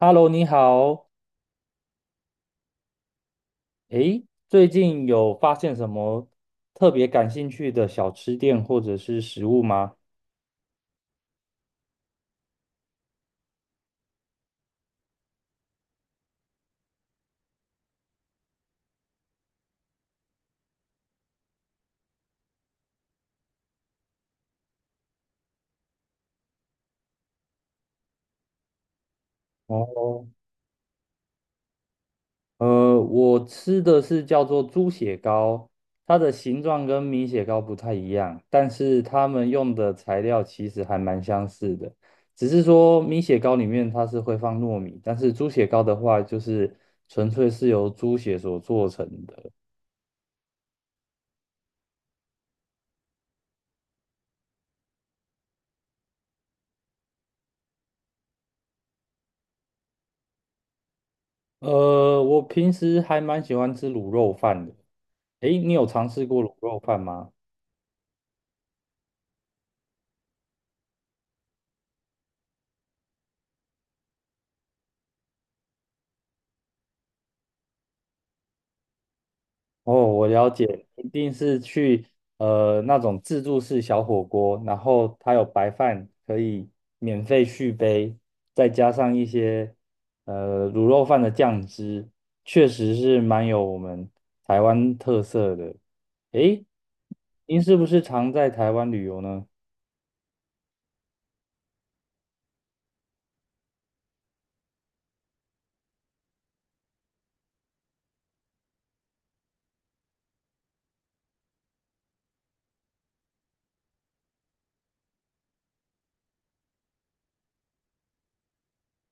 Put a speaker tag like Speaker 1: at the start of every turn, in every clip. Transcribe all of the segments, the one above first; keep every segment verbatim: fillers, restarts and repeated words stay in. Speaker 1: Hello，你好。诶，最近有发现什么特别感兴趣的小吃店或者是食物吗？哦，呃，我吃的是叫做猪血糕，它的形状跟米血糕不太一样，但是它们用的材料其实还蛮相似的，只是说米血糕里面它是会放糯米，但是猪血糕的话就是纯粹是由猪血所做成的。呃，我平时还蛮喜欢吃卤肉饭的。诶，你有尝试过卤肉饭吗？哦，我了解，一定是去呃那种自助式小火锅，然后它有白饭可以免费续杯，再加上一些呃卤肉饭的酱汁，确实是蛮有我们台湾特色的。诶，您是不是常在台湾旅游呢？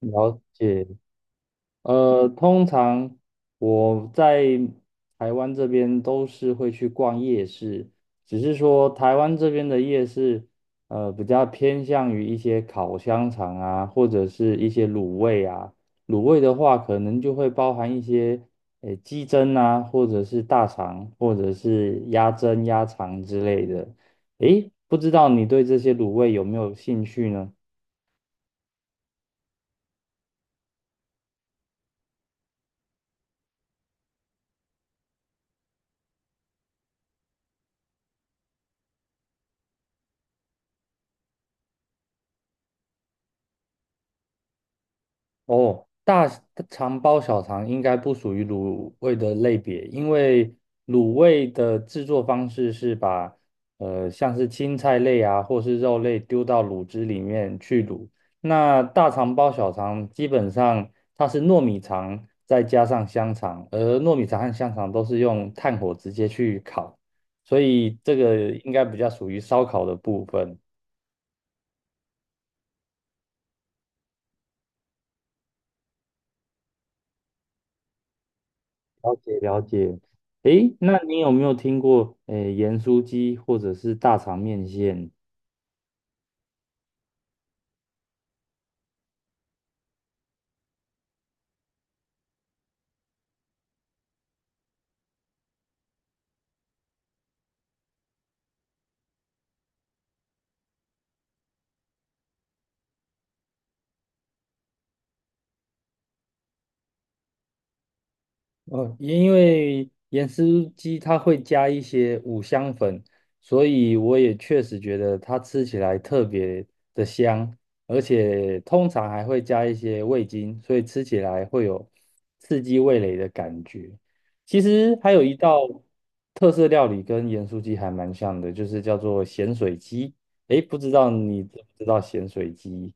Speaker 1: 了解。呃，通常我在台湾这边都是会去逛夜市，只是说台湾这边的夜市，呃，比较偏向于一些烤香肠啊，或者是一些卤味啊。卤味的话，可能就会包含一些，呃，鸡胗啊，或者是大肠，或者是鸭胗、鸭肠之类的。诶，不知道你对这些卤味有没有兴趣呢？哦，大肠包小肠应该不属于卤味的类别，因为卤味的制作方式是把呃像是青菜类啊或是肉类丢到卤汁里面去卤。那大肠包小肠基本上它是糯米肠再加上香肠，而糯米肠和香肠都是用炭火直接去烤，所以这个应该比较属于烧烤的部分。了解了解。诶，那你有没有听过诶盐酥鸡或者是大肠面线？哦，因为盐酥鸡它会加一些五香粉，所以我也确实觉得它吃起来特别的香，而且通常还会加一些味精，所以吃起来会有刺激味蕾的感觉。其实还有一道特色料理跟盐酥鸡还蛮像的，就是叫做咸水鸡。诶，不知道你知不知道咸水鸡？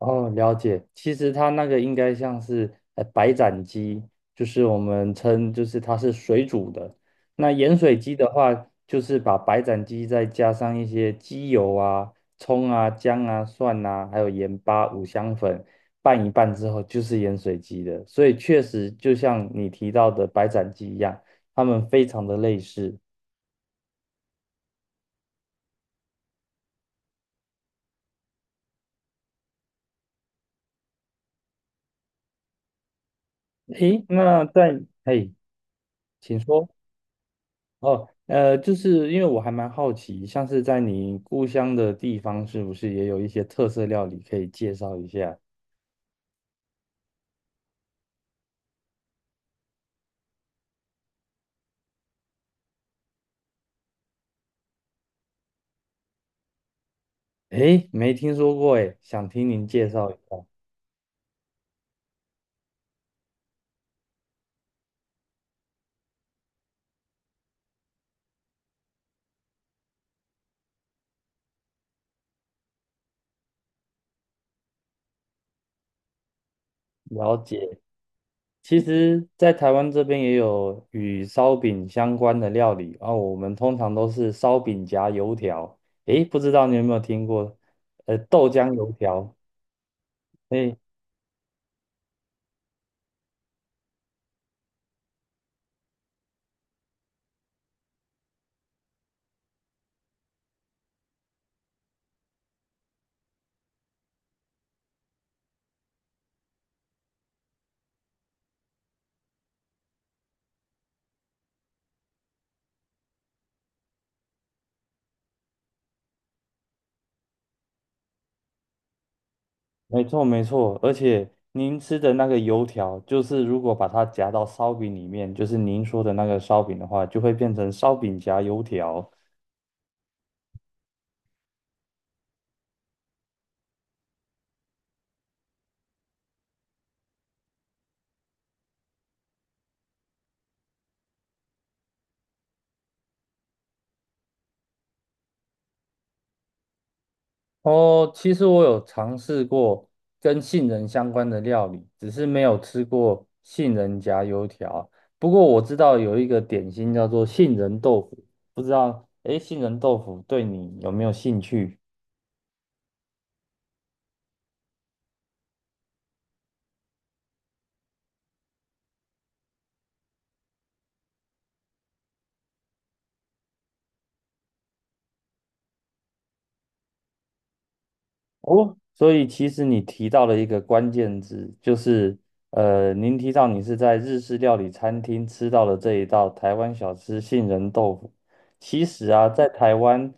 Speaker 1: 哦，了解。其实它那个应该像是呃白斩鸡，就是我们称就是它是水煮的。那盐水鸡的话，就是把白斩鸡再加上一些鸡油啊、葱啊、姜啊、蒜啊，还有盐巴、五香粉拌一拌之后，就是盐水鸡的。所以确实就像你提到的白斩鸡一样，它们非常的类似。诶，那在，诶，请说。哦，呃，就是因为我还蛮好奇，像是在你故乡的地方，是不是也有一些特色料理可以介绍一下？诶，没听说过诶，想听您介绍一下。了解，其实，在台湾这边也有与烧饼相关的料理，啊，我们通常都是烧饼夹油条。诶，不知道你有没有听过？呃，豆浆油条。诶没错没错，而且您吃的那个油条，就是如果把它夹到烧饼里面，就是您说的那个烧饼的话，就会变成烧饼夹油条。哦，其实我有尝试过跟杏仁相关的料理，只是没有吃过杏仁夹油条。不过我知道有一个点心叫做杏仁豆腐，不知道，诶，杏仁豆腐对你有没有兴趣？哦，所以其实你提到了一个关键字，就是呃，您提到你是在日式料理餐厅吃到了这一道台湾小吃杏仁豆腐。其实啊，在台湾，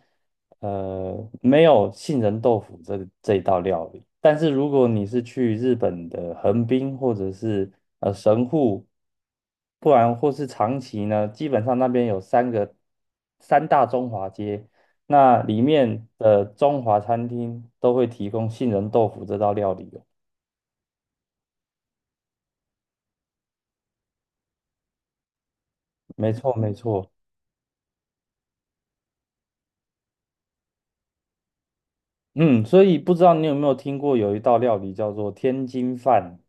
Speaker 1: 呃，没有杏仁豆腐这这一道料理。但是如果你是去日本的横滨或者是呃神户，不然或是长崎呢，基本上那边有三个三大中华街。那里面的中华餐厅都会提供杏仁豆腐这道料理哦。没错，没错。嗯，所以不知道你有没有听过有一道料理叫做天津饭？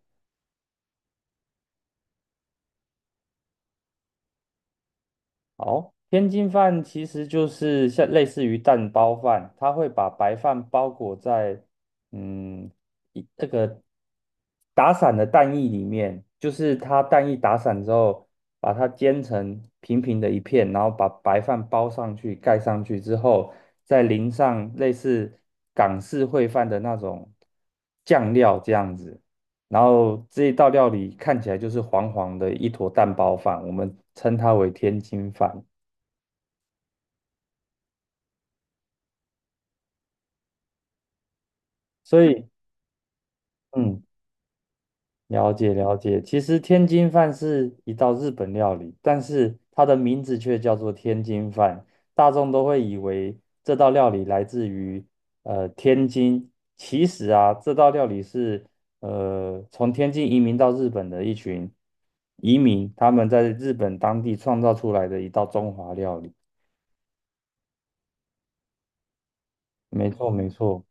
Speaker 1: 好，天津饭其实就是像类似于蛋包饭，它会把白饭包裹在嗯一那个打散的蛋液里面，就是它蛋液打散之后，把它煎成平平的一片，然后把白饭包上去，盖上去之后，再淋上类似港式烩饭的那种酱料这样子。然后这一道料理看起来就是黄黄的一坨蛋包饭，我们称它为天津饭。所以，嗯，了解了解。其实天津饭是一道日本料理，但是它的名字却叫做天津饭，大众都会以为这道料理来自于呃天津。其实啊，这道料理是呃从天津移民到日本的一群移民，他们在日本当地创造出来的一道中华料理。没错没错。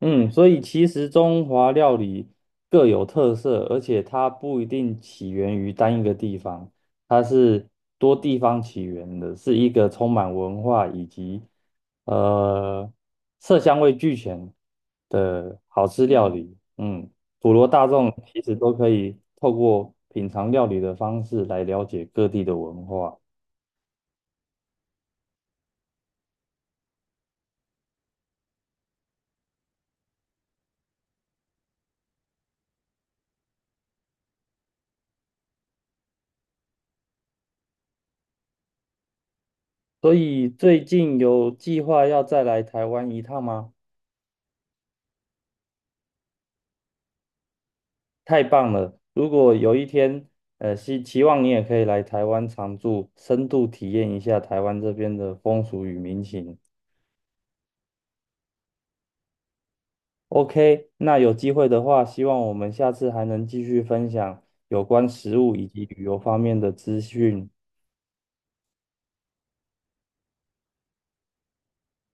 Speaker 1: 嗯，所以其实中华料理各有特色，而且它不一定起源于单一个地方，它是多地方起源的，是一个充满文化以及呃色香味俱全的好吃料理。嗯，普罗大众其实都可以透过品尝料理的方式来了解各地的文化。所以最近有计划要再来台湾一趟吗？太棒了！如果有一天，呃，希期望你也可以来台湾常住，深度体验一下台湾这边的风俗与民情。OK，那有机会的话，希望我们下次还能继续分享有关食物以及旅游方面的资讯。